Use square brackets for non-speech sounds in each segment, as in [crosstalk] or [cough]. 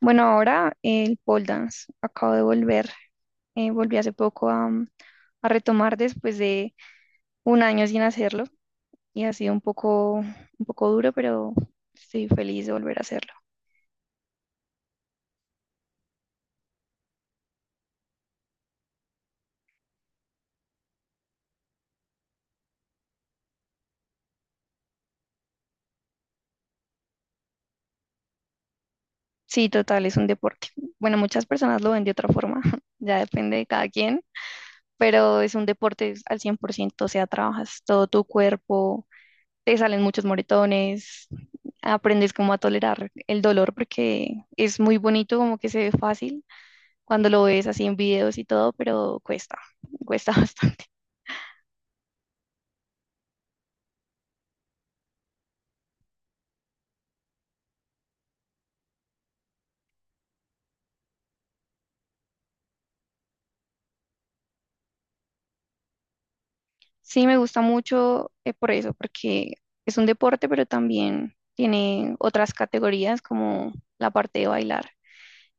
Bueno, ahora el pole dance. Acabo de volver. Volví hace poco a retomar después de un año sin hacerlo y ha sido un poco duro, pero estoy feliz de volver a hacerlo. Sí, total, es un deporte. Bueno, muchas personas lo ven de otra forma, [laughs] ya depende de cada quien, pero es un deporte al 100%, o sea, trabajas todo tu cuerpo, te salen muchos moretones, aprendes cómo a tolerar el dolor porque es muy bonito, como que se ve fácil cuando lo ves así en videos y todo, pero cuesta, cuesta [laughs] bastante. Sí, me gusta mucho por eso, porque es un deporte, pero también tiene otras categorías como la parte de bailar.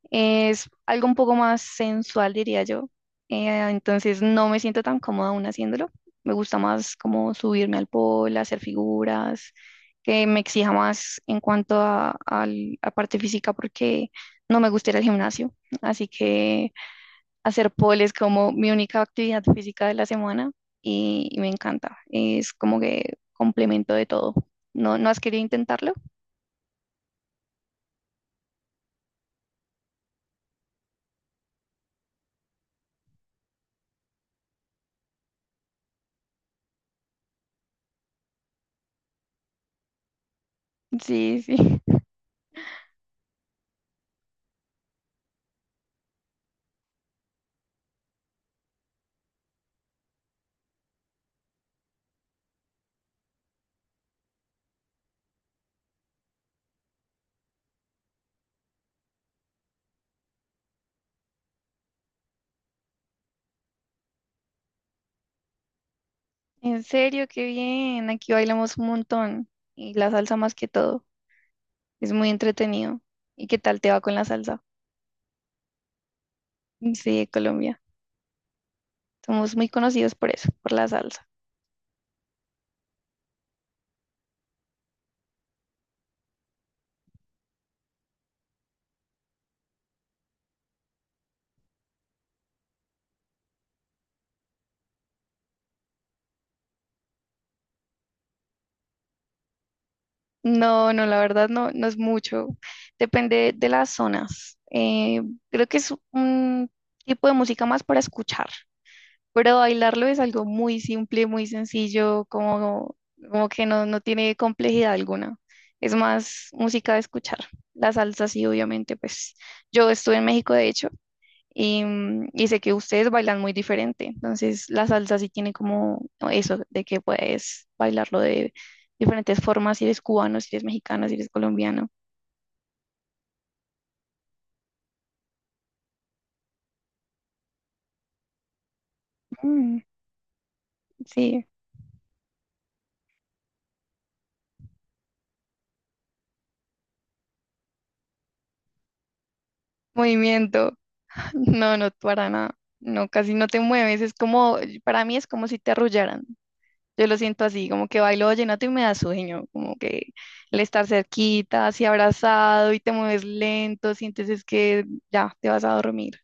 Es algo un poco más sensual, diría yo. Entonces no me siento tan cómoda aún haciéndolo. Me gusta más como subirme al pole, hacer figuras, que me exija más en cuanto a parte física, porque no me gusta ir al gimnasio. Así que hacer pole es como mi única actividad física de la semana y me encanta. Es como que complemento de todo. ¿No, no has querido intentarlo? Sí, sí. [laughs] En serio, qué bien. Aquí bailamos un montón y la salsa más que todo. Es muy entretenido. ¿Y qué tal te va con la salsa? Sí, Colombia. Somos muy conocidos por eso, por la salsa. No, no, la verdad no, no es mucho. Depende de las zonas. Creo que es un tipo de música más para escuchar. Pero bailarlo es algo muy simple, muy sencillo, como, como que no, no tiene complejidad alguna. Es más música de escuchar. La salsa sí, obviamente, pues yo estuve en México, de hecho, y sé que ustedes bailan muy diferente. Entonces, la salsa sí tiene como eso, de que puedes bailarlo de diferentes formas, si eres cubano, si eres mexicano, si eres colombiano. Mm, sí, movimiento. [laughs] No, no, para nada. No, casi no te mueves. Es como, para mí es como si te arrullaran. Yo lo siento así, como que bailo vallenato y me da sueño, como que el estar cerquita, así abrazado y te mueves lento, sientes es que ya te vas a dormir.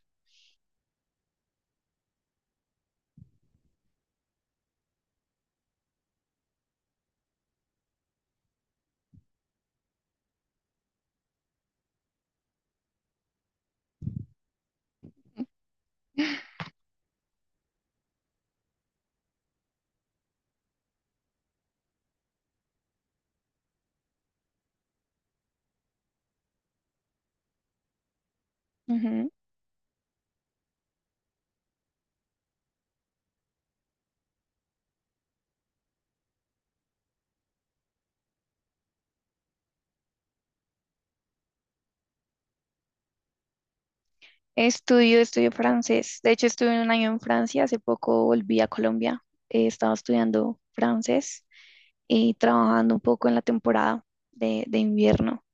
Ujú. Estudio, estudio francés. De hecho, estuve un año en Francia, hace poco volví a Colombia. Estaba estudiando francés y trabajando un poco en la temporada de invierno.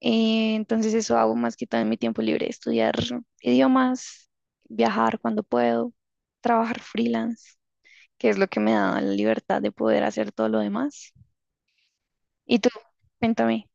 Entonces eso hago más que todo en mi tiempo libre, estudiar idiomas, viajar cuando puedo, trabajar freelance, que es lo que me da la libertad de poder hacer todo lo demás. ¿Y tú? Cuéntame.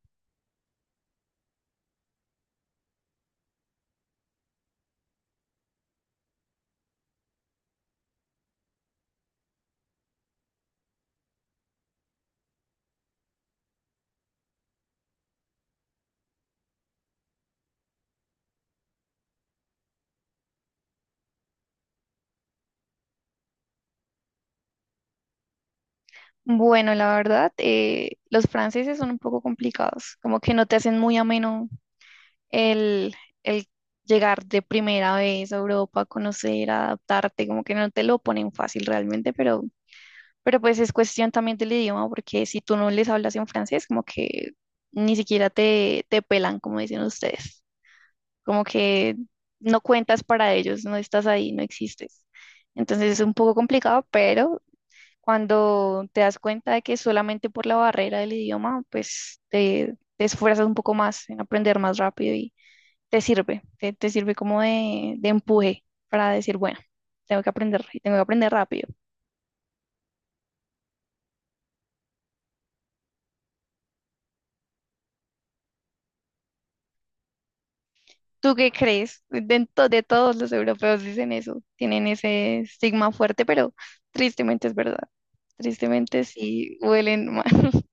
Bueno, la verdad, los franceses son un poco complicados, como que no te hacen muy ameno el, el llegar de primera vez a Europa, conocer, adaptarte, como que no te lo ponen fácil realmente, pero, pues es cuestión también del idioma, porque si tú no les hablas en francés, como que ni siquiera te pelan, como dicen ustedes. Como que no cuentas para ellos, no estás ahí, no existes. Entonces es un poco complicado, pero cuando te das cuenta de que solamente por la barrera del idioma, pues te esfuerzas un poco más en aprender más rápido y te sirve como de empuje para decir, bueno, tengo que aprender y tengo que aprender rápido. ¿Tú qué crees? De todos los europeos dicen eso, tienen ese estigma fuerte, pero tristemente es verdad. Tristemente sí huelen mal. [laughs]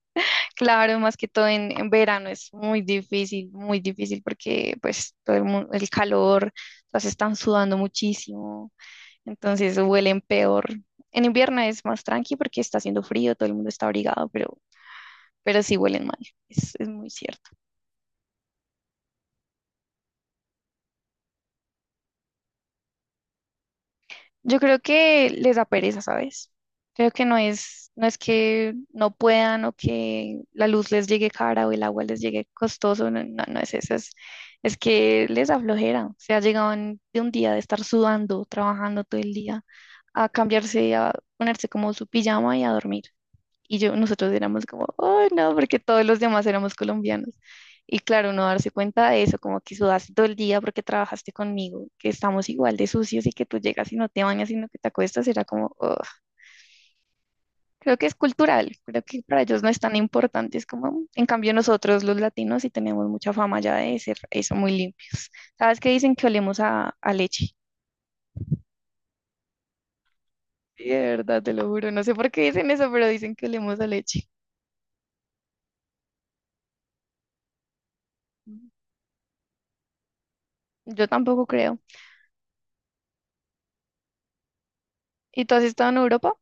Claro, más que todo en verano es muy difícil porque pues todo el calor, las están sudando muchísimo, entonces huelen peor. En invierno es más tranqui porque está haciendo frío, todo el mundo está abrigado, pero sí huelen mal, es muy cierto. Yo creo que les da pereza, ¿sabes? Creo que no es que no puedan o que la luz les llegue cara o el agua les llegue costoso, no, no, no es eso, es que les da flojera. O sea, llegaban de un día de estar sudando, trabajando todo el día, a cambiarse, a ponerse como su pijama y a dormir. Y yo, nosotros éramos como, oh, no, porque todos los demás éramos colombianos. Y claro, uno darse cuenta de eso, como que sudaste todo el día porque trabajaste conmigo, que estamos igual de sucios y que tú llegas y no te bañas, sino que te acuestas, era como, "Ugh". Creo que es cultural, creo que para ellos no es tan importante, es como, "Mm". En cambio nosotros los latinos sí tenemos mucha fama ya de ser eso muy limpio. ¿Sabes qué dicen que olemos a leche? Sí, de verdad, te lo juro, no sé por qué dicen eso, pero dicen que olemos a leche. Yo tampoco creo. ¿Y tú has estado en Europa?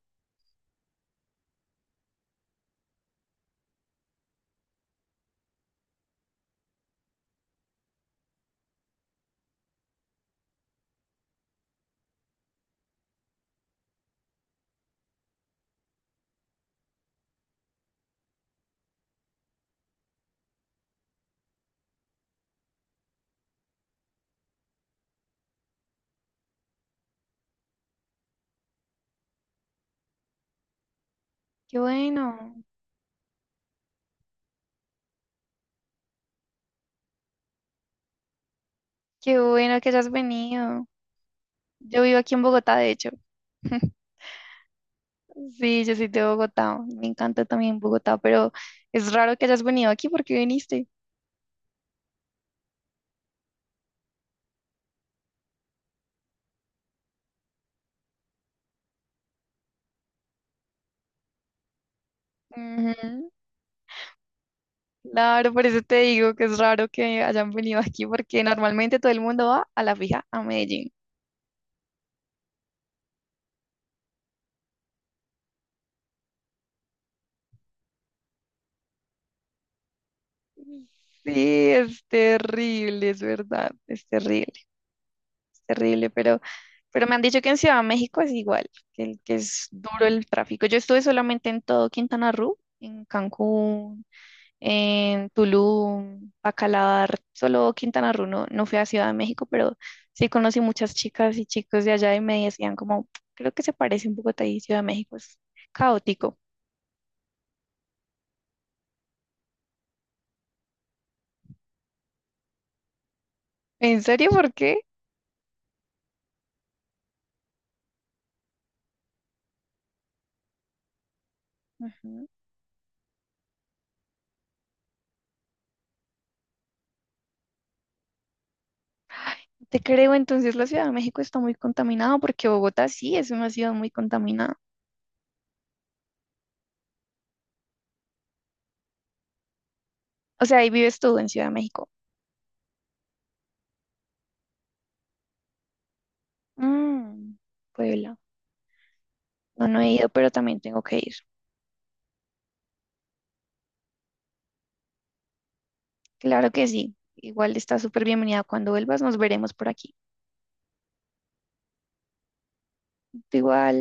Qué bueno. Qué bueno que hayas venido. Yo vivo aquí en Bogotá, de hecho. [laughs] Sí, yo soy de Bogotá. Me encanta también Bogotá, pero es raro que hayas venido aquí porque viniste. Ujú. Claro, por eso te digo que es raro que hayan venido aquí porque normalmente todo el mundo va a la fija a Medellín. Sí, es terrible, es verdad, es terrible, pero me han dicho que en Ciudad de México es igual, que es duro el tráfico. Yo estuve solamente en todo Quintana Roo, en Cancún, en Tulum, Bacalar, solo Quintana Roo, no, no fui a Ciudad de México, pero sí conocí muchas chicas y chicos de allá y me decían como, creo que se parece un poco a y Ciudad de México es caótico. ¿En serio? ¿Por qué? Ujú. Te creo, entonces la Ciudad de México está muy contaminada porque Bogotá sí es una ciudad muy contaminada. O sea, ahí vives tú en Ciudad de México. Mm, Puebla. No, no he ido, pero también tengo que ir. Claro que sí. Igual está súper bienvenida. Cuando vuelvas, nos veremos por aquí. Tú igual.